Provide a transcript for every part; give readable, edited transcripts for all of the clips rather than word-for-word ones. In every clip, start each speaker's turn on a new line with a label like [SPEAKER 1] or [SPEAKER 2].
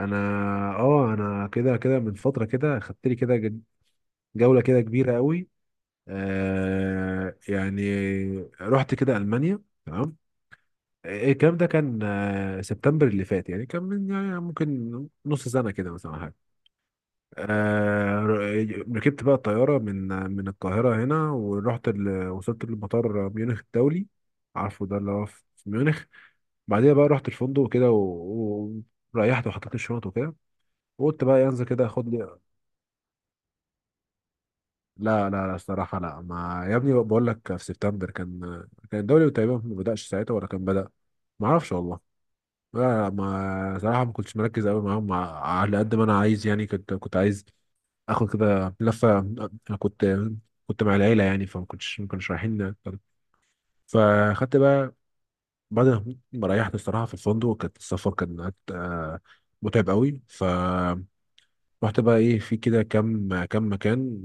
[SPEAKER 1] انا اه انا كده من فتره كده خدت لي كده جوله كده كبيره قوي. يعني رحت كده المانيا، تمام. إيه الكلام ده؟ كان سبتمبر اللي فات، يعني كان من يعني ممكن نص سنه كده مثلا أو حاجه. ركبت بقى الطياره من القاهره هنا، ورحت وصلت لمطار ميونخ الدولي. عارفه، ده اللي هو في ميونخ. بعديها بقى رحت الفندق كده، وريحت وحطيت الشنط وكده، وقلت بقى ينزل كده اخد. لا لا لا، الصراحة لا، ما، يا ابني بقول لك، في سبتمبر كان الدوري تقريبا ما بدأش ساعتها، ولا كان بدأ. ما اعرفش والله. لا، لا، ما، صراحة ما كنتش مركز قوي معاهم، على قد ما انا عايز، يعني كنت عايز اخد كده لفة، انا كنت مع العيلة، يعني فما كنتش ما كناش رايحين. فاخدت بقى، بعد ما ريحت الصراحة في الفندق، كانت السفر كان متعب قوي. رحت بقى ايه في كده كام كام مكان.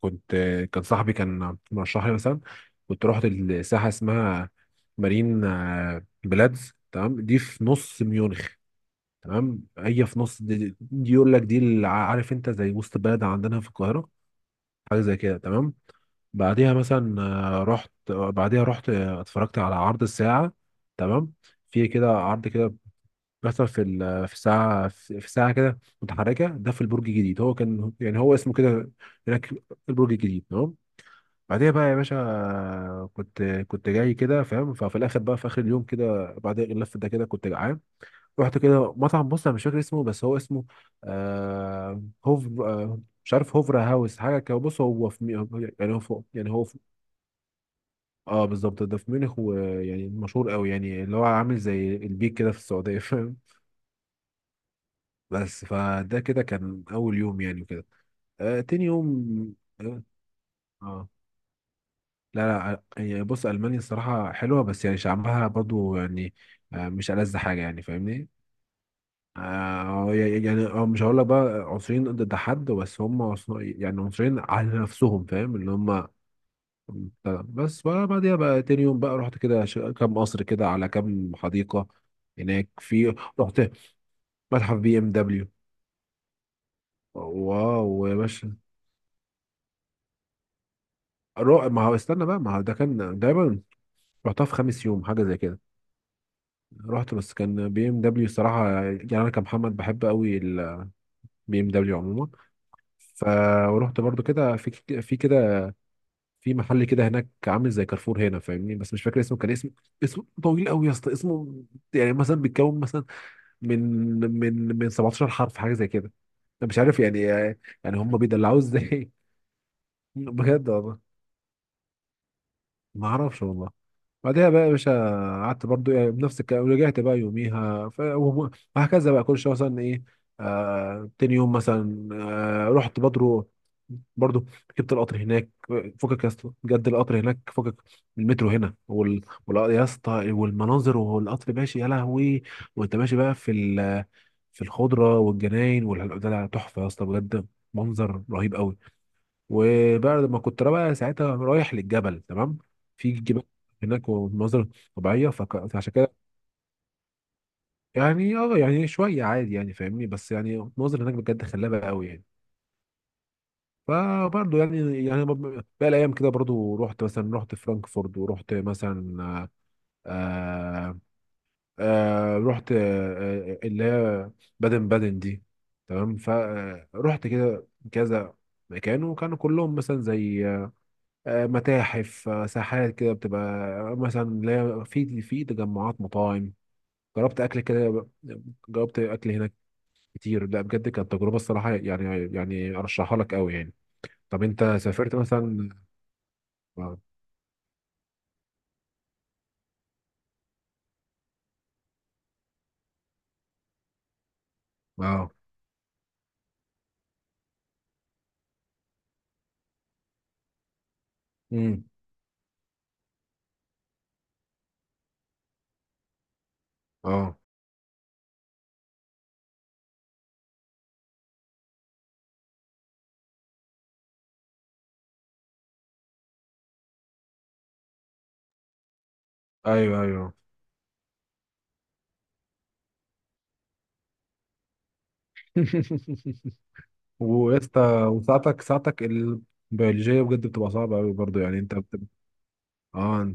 [SPEAKER 1] كنت، كان صاحبي كان مرشح لي مثلا، كنت رحت الساحه، اسمها مارين بلادز، تمام. دي في نص ميونخ. تمام، هي في نص. دي يقول لك، دي اللي عارف انت، زي وسط بلد عندنا في القاهره. حاجه زي كده، تمام. بعديها مثلا آه، رحت آه، بعديها رحت اتفرجت على عرض الساعه. تمام. في كده عرض كده بيحصل في ساعة، في ساعة كده متحركة ده، في البرج الجديد. هو كان يعني هو اسمه كده هناك البرج الجديد، تمام. بعديها بقى يا باشا، كنت جاي كده، فاهم. ففي الاخر بقى في اخر اليوم كده، بعد اللف ده كده، كنت جعان. رحت كده مطعم. بص، انا مش فاكر اسمه، بس هو اسمه هوف، مش عارف، هوفرا هاوس، حاجه كده. بص، هو في يعني هو فوق، يعني هو في. اه، بالظبط، ده في ميونخ، ويعني مشهور قوي يعني، اللي هو عامل زي البيك كده في السعوديه. بس فده كده كان اول يوم يعني، وكده. تاني يوم اه آه. لا. لا، هي بص، المانيا الصراحه حلوه، بس يعني شعبها برضو يعني مش ألذ حاجه، يعني فاهمني. يعني مش هقول لك بقى عنصريين ضد حد، بس هم يعني عنصريين على نفسهم، فاهم، اللي هم. بس بقى، بعديها بقى تاني يوم بقى، رحت كده كام قصر كده، على كام حديقه هناك. في، رحت متحف بي ام دبليو. واو يا باشا. ما هو استنى بقى، ما هو ده كان دايما. رحتها في خامس يوم، حاجه زي كده. رحت، بس كان بي ام دبليو الصراحه، يعني انا كمحمد بحب قوي البي ام دبليو عموما. ف ورحت برضو كده في، في كده في محل كده هناك، عامل زي كارفور هنا، فاهمني، بس مش فاكر اسمه. كان اسمه، اسمه طويل قوي يا اسطى. اسمه يعني مثلا بيتكون مثلا، من من 17 حرف، حاجه زي كده. انا مش عارف يعني هم بيدلعوه ازاي. بجد والله. ما اعرفش والله. بعدها بقى يا باشا، قعدت برضو يعني بنفس الكلام، رجعت بقى يوميها، وهكذا بقى، كل شويه مثلا ايه. تاني يوم مثلا، رحت برضو. برضو ركبت القطر هناك. فكك يا اسطى، بجد، القطر هناك فكك. من المترو هنا، يا اسطى، والمناظر والقطر ماشي، يا لهوي. وانت ماشي بقى في الخضره والجناين، ده تحفه يا اسطى، بجد. منظر رهيب قوي. وبعد ما كنت بقى ساعتها رايح للجبل، تمام. في جبال هناك ومناظر طبيعيه، فعشان كده. يعني شويه عادي، يعني فاهمني، بس يعني المناظر هناك بجد خلابه قوي يعني. فبرضه يعني بقى الايام كده برضه، رحت فرانكفورت، ورحت مثلا آه رحت اللي هي بادن بادن دي، تمام. فرحت كده كذا مكان، وكانوا كلهم مثلا زي متاحف، ساحات كده بتبقى مثلا، اللي هي في تجمعات مطاعم. جربت اكل كده، جربت اكل هناك كتير. لا بجد، كانت تجربه الصراحه يعني ارشحها لك قوي يعني. طب انت سافرت مثلا؟ اه. اه. امم. اه. ايوه، ايوه. ويا اسطى، وساعتك، ساعتك البيولوجيه بجد بتبقى صعبه قوي برضه، يعني انت بتبقى. اه،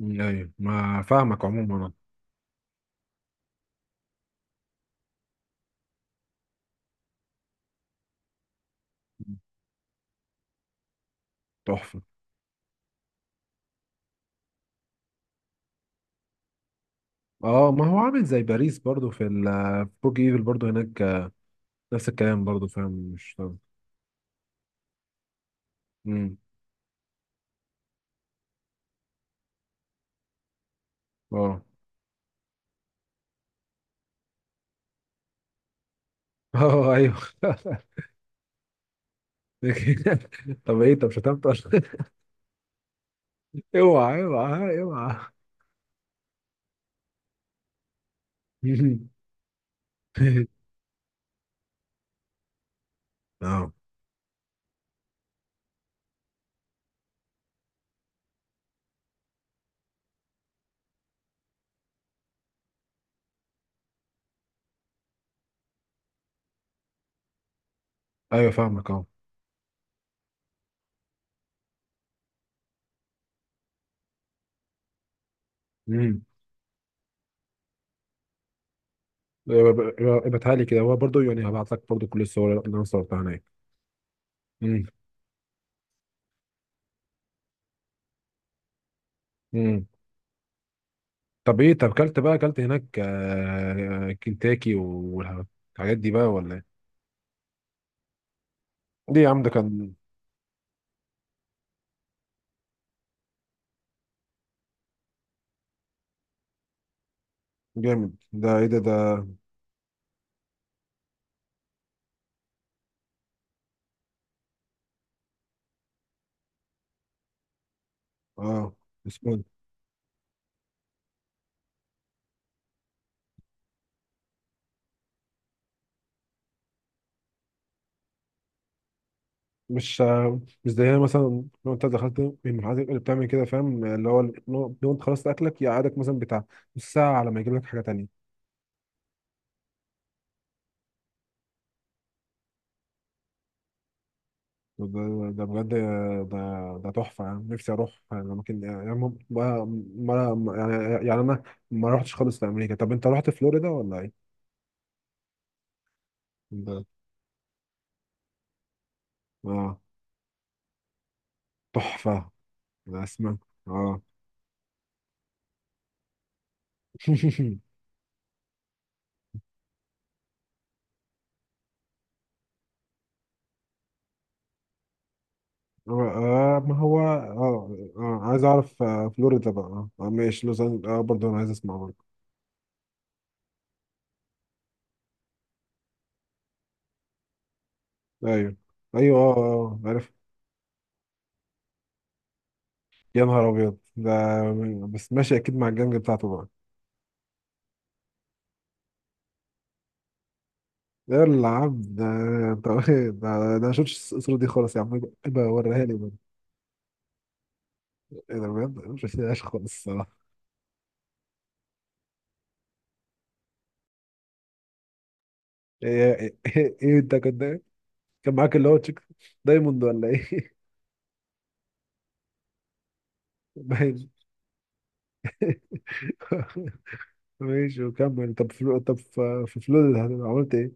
[SPEAKER 1] أمم، ايوه، ما فاهمك عموما أنا. تحفه. اه، ما هو عامل زي باريس برضو، في البرج ايفل برضو هناك، نفس الكلام برضو، فاهم، مش طب. امم. اه. اه. ايوه. طب ايه، طب شتمت؟ اوعى، اوعى، اوعى. اه، ايوه، فاهمك، اه. امم. ابعتها لي كده، هو برضو يعني، هبعت لك برضو كل الصور اللي انا صورتها هناك. امم. امم. طب ايه، طب كلت بقى، كلت هناك كنتاكي والحاجات دي بقى، ولا ايه؟ ليه يا عم، ده كان جامد، ده ايه ده ده؟ اه، اسمه ده. مش مش زيها مثلا، لو انت دخلت من المحلات اللي بتعمل كده، فاهم، اللي هو، لو انت خلصت اكلك، يقعدك مثلا بتاع نص ساعه على ما يجيب لك حاجه تانية. ده ده بجد، ده تحفه، يعني نفسي اروح اماكن، يعني ما يعني انا ما رحتش خالص لامريكا. طب انت رحت فلوريدا ولا ايه؟ ده- اه، تحفه. أنا اسمع. اه. ما هو، عايز اعرف فلوريدا بقى، ماشي، لوز أنجل- اه برضه انا عايز اسمع. ايوه، ايوه. اه، اه، عارف. يا نهار ابيض ده. بس ماشي، اكيد مع الجنج بتاعته بقى. يا العب ده. انت! ده ما شفتش الصورة دي خالص يا عم، يبقى وريها لي بقى. ايه ده بجد، ما شفتهاش خالص الصراحة. ايه، ايه، ايه، إيه، إيه، انت كنت إيه؟ كان معاك اللي هو تشيك دايموند، ولا ايه؟ باين. ماشي، وكمل. طب في فلول عملت ايه؟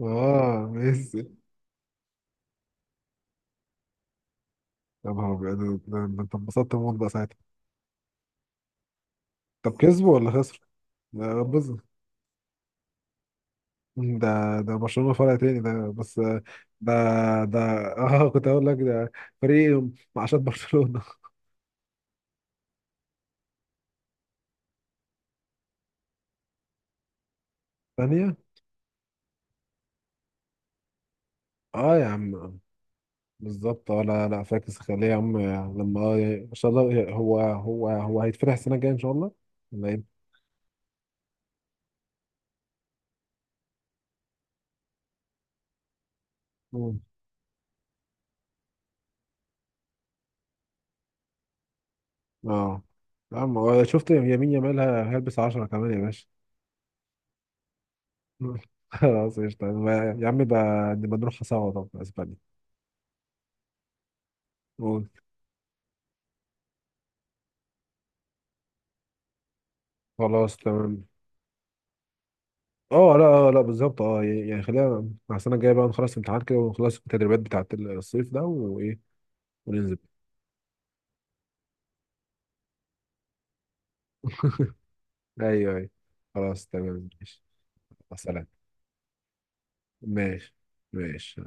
[SPEAKER 1] اه، ميسي. يا نهار ابيض، ده انت انبسطت موت بقى ساعتها. طب كسبوا ولا خسروا؟ لا، بص. ده برشلونة فرع تاني ده، بس ده ده اه كنت اقول لك، ده فريق معاشات برشلونة. ثانية. اه، يا عم، بالظبط. اه، لا، لا فاكس، خليه يا عم. لما، ان شاء الله، هو هيتفتح السنة الجاية ان شاء الله، ولا ايه؟ مم. اه، يا عم، هو شفت يمين يامال هيلبس 10 كمان يا باشا. مم. خلاص، قشطة. يا عم بقى، نبقى نروح سوا طب اسبانيا. قول. خلاص، تمام. اه لا، لا، بالظبط. اه يعني خلينا مع السنه الجايه بقى، نخلص الامتحانات كده، ونخلص التدريبات بتاعت الصيف ده وايه. وننزل. ايوه، ايوه. خلاص، تمام، ماشي. مع السلامه. ماشي. ماشي.